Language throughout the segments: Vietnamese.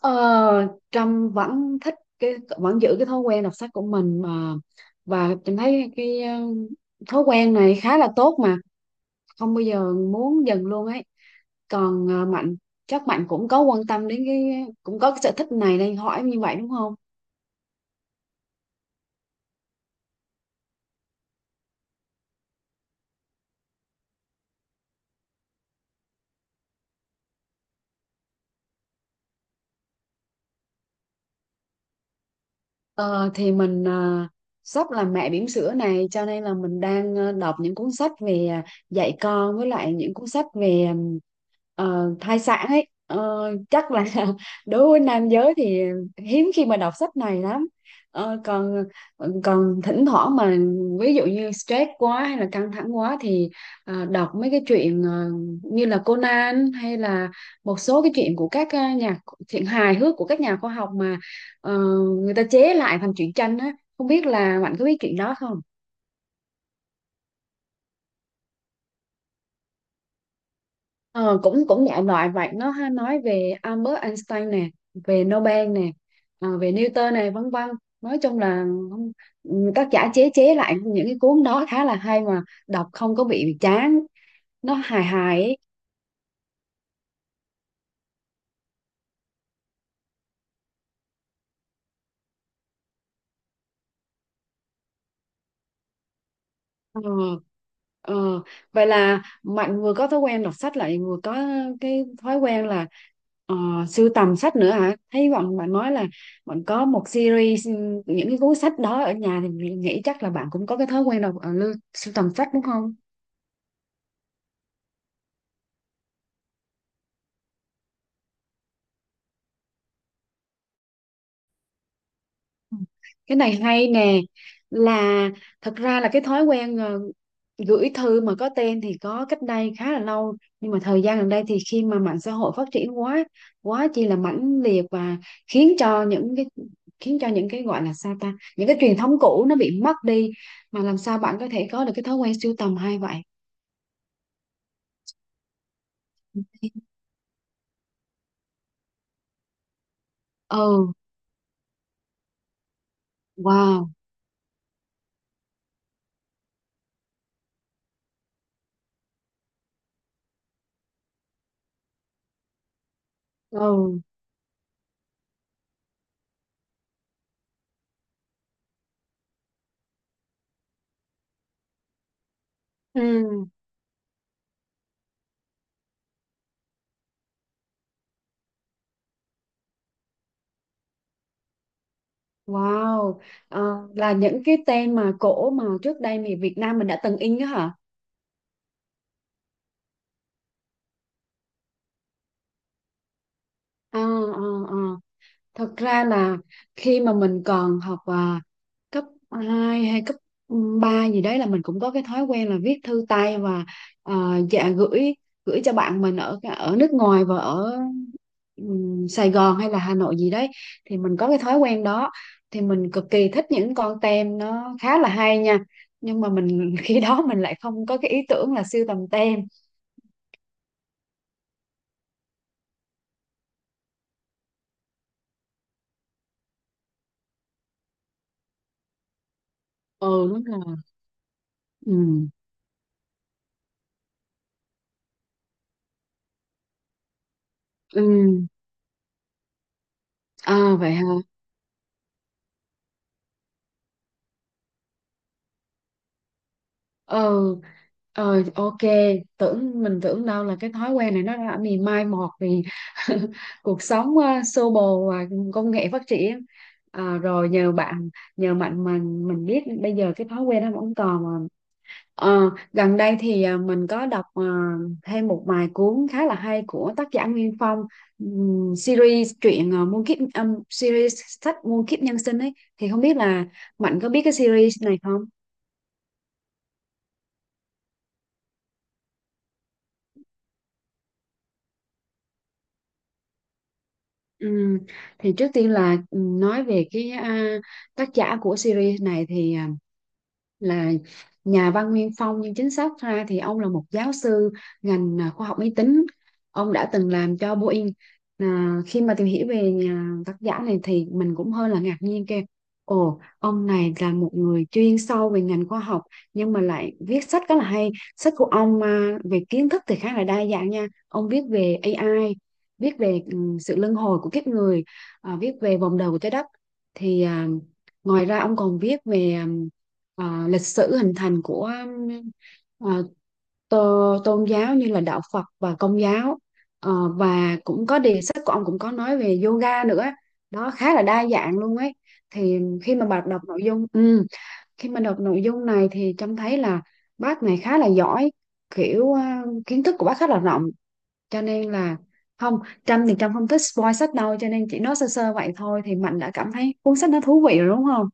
Ờ, Trâm vẫn thích vẫn giữ cái thói quen đọc sách của mình, mà và Trâm thấy thói quen này khá là tốt, mà không bao giờ muốn dừng luôn ấy. Còn Mạnh, chắc Mạnh cũng có quan tâm đến cũng có cái sở thích này nên hỏi như vậy đúng không? Ờ, thì mình sắp làm mẹ bỉm sữa này, cho nên là mình đang đọc những cuốn sách về dạy con, với lại những cuốn sách về thai sản ấy, chắc là đối với nam giới thì hiếm khi mà đọc sách này lắm. Còn còn thỉnh thoảng mà ví dụ như stress quá hay là căng thẳng quá thì đọc mấy cái chuyện như là Conan hay là một số cái chuyện của các nhà chuyện hài hước của các nhà khoa học mà ờ, người ta chế lại thành truyện tranh á, không biết là bạn có biết chuyện đó không? Ờ, Cũng cũng đại loại vậy, nó hay nói về Albert Einstein nè, về Nobel nè, về Newton này, vân vân. Nói chung là tác giả chế chế lại những cái cuốn đó khá là hay mà, đọc không có bị chán, nó hài hài ấy. Ờ, ờ. Vậy là Mạnh vừa có thói quen đọc sách lại vừa có cái thói quen là ờ, sưu tầm sách nữa hả? Thấy bạn bạn nói là bạn có một series những cái cuốn sách đó ở nhà, thì mình nghĩ chắc là bạn cũng có cái thói quen đọc sưu tầm sách đúng không? Ừ. Cái này hay nè, là thật ra là cái thói quen gửi thư mà có tên thì có cách đây khá là lâu, nhưng mà thời gian gần đây thì khi mà mạng xã hội phát triển quá, quá chi là mãnh liệt, và khiến cho những cái khiến cho những cái gọi là sao ta, những cái truyền thống cũ nó bị mất đi, mà làm sao bạn có thể có được cái thói quen sưu tầm hay vậy? Ừ. Wow. Ừ. Ừ. Wow. Ờ, là những cái tên mà cổ mà trước đây thì Việt Nam mình đã từng in đó hả? Ờ ờ ờ Thật ra là khi mà mình còn học cấp 2 hay cấp 3 gì đấy, là mình cũng có cái thói quen là viết thư tay, và à, dạ gửi gửi cho bạn mình ở ở nước ngoài và ở Sài Gòn hay là Hà Nội gì đấy, thì mình có cái thói quen đó. Thì mình cực kỳ thích những con tem, nó khá là hay nha, nhưng mà mình khi đó mình lại không có cái ý tưởng là sưu tầm tem. Ừ, đúng rồi. Ừ. Ừ. À, vậy hả. Ừ. Ờ, ok. Tưởng mình tưởng đâu là cái thói quen này nó đã bị mai một vì cuộc sống xô bồ và công nghệ phát triển. Rồi nhờ bạn, nhờ bạn mà mình biết bây giờ cái thói quen nó vẫn còn mà. Ờ, Gần đây thì mình có đọc thêm một vài cuốn khá là hay của tác giả Nguyên Phong. Series truyện ờ, muôn kiếp series sách Muôn kiếp nhân sinh ấy, thì không biết là Mạnh có biết cái series này không? Ừ. Thì trước tiên là nói về tác giả của series này thì là nhà văn Nguyên Phong, nhưng chính xác ra thì ông là một giáo sư ngành khoa học máy tính. Ông đã từng làm cho Boeing. À, khi mà tìm hiểu về nhà tác giả này thì mình cũng hơi là ngạc nhiên, kêu: Ồ, ông này là một người chuyên sâu về ngành khoa học nhưng mà lại viết sách rất là hay. Sách của ông về kiến thức thì khá là đa dạng nha. Ông viết về AI, viết về sự luân hồi của kiếp người, viết về vòng đời của trái đất, thì ngoài ra ông còn viết về lịch sử hình thành của ừm, à, tôn giáo như là đạo Phật và Công giáo. Ờ, và cũng có đề sách của ông cũng có nói về yoga nữa, đó khá là đa dạng luôn ấy. Thì khi mà bạn đọc nội dung, khi mà đọc nội dung này thì trông thấy là bác này khá là giỏi, kiểu kiến thức của bác khá là rộng, cho nên là không. Trâm thì Trâm không thích spoil sách đâu, cho nên chỉ nói sơ sơ vậy thôi thì Mạnh đã cảm thấy cuốn sách nó thú vị rồi đúng không?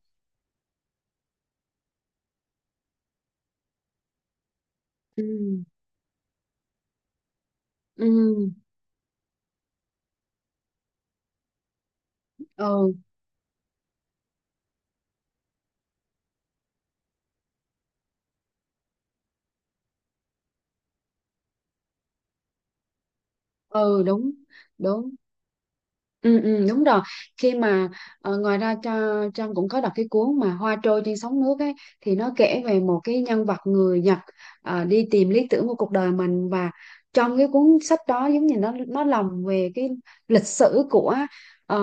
Ừ. Ừ. Ừ, ừ, đúng đúng. Ừ, ừ, đúng rồi. Khi mà ngoài ra cho Trang cũng có đọc cái cuốn mà Hoa trôi trên sóng nước ấy, thì nó kể về một cái nhân vật người Nhật, đi tìm lý tưởng của cuộc đời mình, và trong cái cuốn sách đó giống như nó lồng về cái lịch sử của ờ,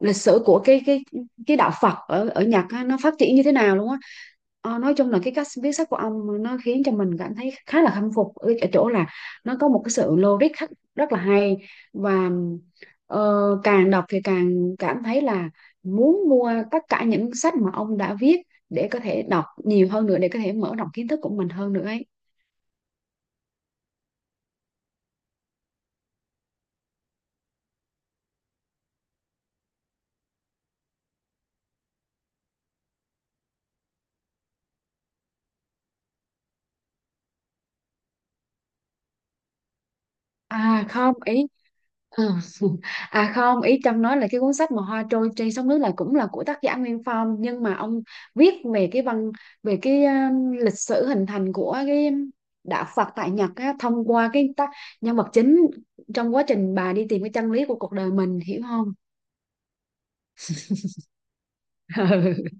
lịch sử của cái cái cái đạo Phật ở ở Nhật á, nó phát triển như thế nào luôn á. Ờ, nói chung là cái cách viết sách của ông nó khiến cho mình cảm thấy khá là khâm phục ở ở chỗ là nó có một cái sự logic rất, rất là hay. Và Ờ, càng đọc thì càng cảm thấy là muốn mua tất cả những sách mà ông đã viết để có thể đọc nhiều hơn nữa, để có thể mở rộng kiến thức của mình hơn nữa ấy. À không ý Ừ. À không, ý Trâm nói là cái cuốn sách mà Hoa trôi trên sóng nước là cũng là của tác giả Nguyên Phong, nhưng mà ông viết về cái văn về cái lịch sử hình thành của cái đạo Phật tại Nhật á, thông qua cái tác nhân vật chính, trong quá trình bà đi tìm cái chân lý của cuộc đời mình, hiểu không?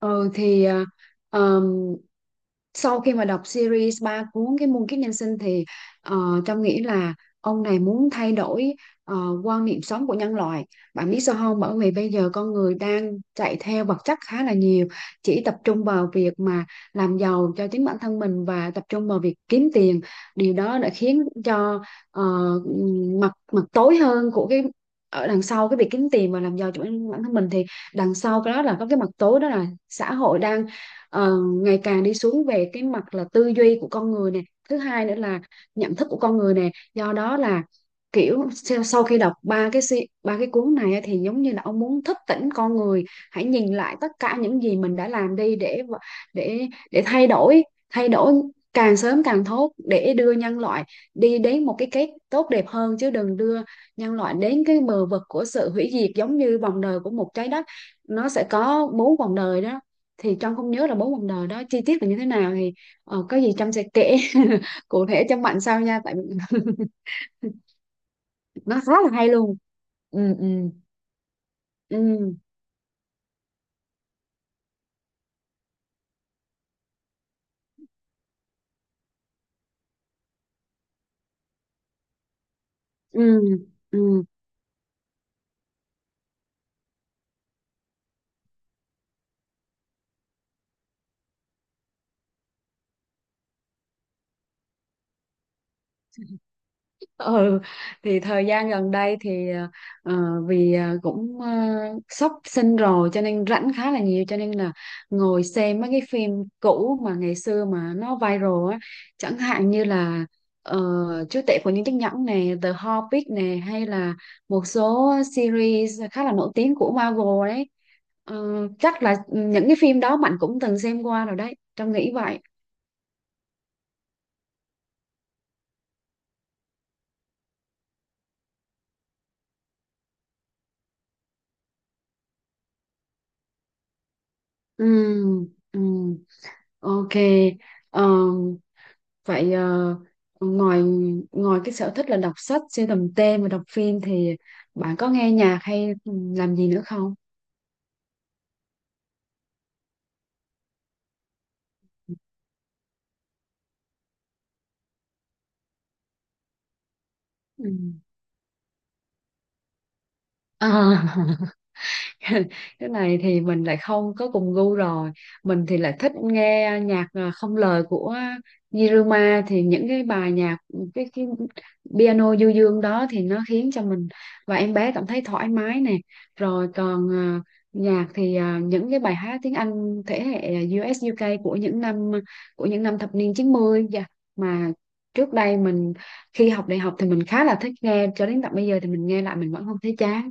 Ừ, thì ờm, sau khi mà đọc series 3 cuốn cái Muôn kiếp nhân sinh thì Trâm nghĩ là ông này muốn thay đổi ờ, quan niệm sống của nhân loại. Bạn biết sao không? Bởi vì bây giờ con người đang chạy theo vật chất khá là nhiều, chỉ tập trung vào việc mà làm giàu cho chính bản thân mình và tập trung vào việc kiếm tiền. Điều đó đã khiến cho ờ, mặt mặt tối hơn của cái ở đằng sau cái việc kiếm tiền và làm giàu cho bản bản thân mình, thì đằng sau cái đó là có cái mặt tối, đó là xã hội đang ờ, ngày càng đi xuống về cái mặt là tư duy của con người nè, thứ hai nữa là nhận thức của con người nè, do đó là kiểu sau sau khi đọc ba cái cuốn này á, thì giống như là ông muốn thức tỉnh con người, hãy nhìn lại tất cả những gì mình đã làm đi để để thay đổi, thay đổi càng sớm càng tốt, để đưa nhân loại đi đến một cái kết tốt đẹp hơn, chứ đừng đưa nhân loại đến cái bờ vực của sự hủy diệt. Giống như vòng đời của một trái đất nó sẽ có bốn vòng đời đó, thì Trân không nhớ là bốn vòng đời đó chi tiết là như thế nào, thì có gì Trân sẽ kể cụ thể cho Mạnh sau nha, tại vì nó rất là hay luôn. Ừ. Ừ. Ừ. Ừ. Ừ. Ừ, thì thời gian gần đây thì ờ, vì sắp sinh rồi cho nên rảnh khá là nhiều, cho nên là ngồi xem mấy cái phim cũ mà ngày xưa mà nó viral á, chẳng hạn như là ờ, Chúa tể của những chiếc nhẫn nè, The Hobbit nè, hay là một số series khá là nổi tiếng của Marvel đấy. Ờ, chắc là những cái phim đó Mạnh cũng từng xem qua rồi đấy, Trâm nghĩ vậy. Ừ, ừ, ok. Ờ, vậy ngoài ngoài cái sở thích là đọc sách, sưu tầm tem và đọc phim thì bạn có nghe nhạc hay làm gì nữa không? Ừ. À. Cái này thì mình lại không có cùng gu rồi. Mình thì lại thích nghe nhạc không lời của Niruma, thì những cái bài nhạc cái piano du dương đó, thì nó khiến cho mình và em bé cảm thấy thoải mái nè. Rồi còn những cái bài hát tiếng Anh thế hệ US UK của những năm, của những năm thập niên 90 dạ, mà trước đây mình khi học đại học thì mình khá là thích nghe, cho đến tận bây giờ thì mình nghe lại mình vẫn không thấy chán.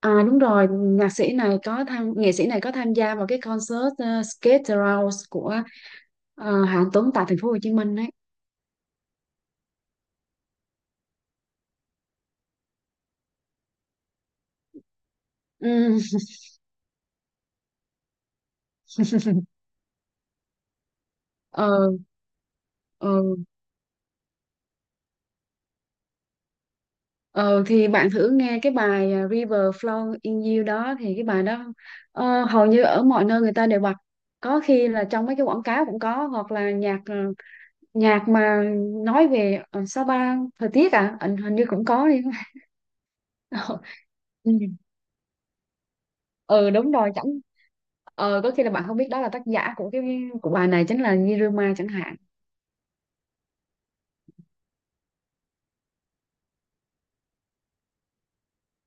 À đúng rồi, nhạc sĩ này có tham nghệ sĩ này có tham gia vào cái concert Skate Around của Hạng Tuấn tại thành phố Hồ Chí Minh đấy. Ừ. ờ, ờ, ờ, thì bạn thử nghe cái bài River Flow in You đó, thì cái bài đó hầu như ở mọi nơi người ta đều bật. Có khi là trong mấy cái quảng cáo cũng có, hoặc là nhạc mà nói về Sapa thời tiết à, hình hình như cũng có đi. Ờ. Ừ. Ừ đúng rồi, chẳng ờ có khi là bạn không biết đó là tác giả của của bài này chính là Niruma chẳng hạn.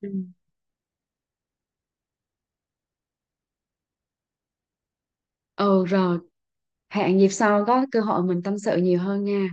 Ừ. Ừ rồi, hẹn dịp sau có cơ hội mình tâm sự nhiều hơn nha.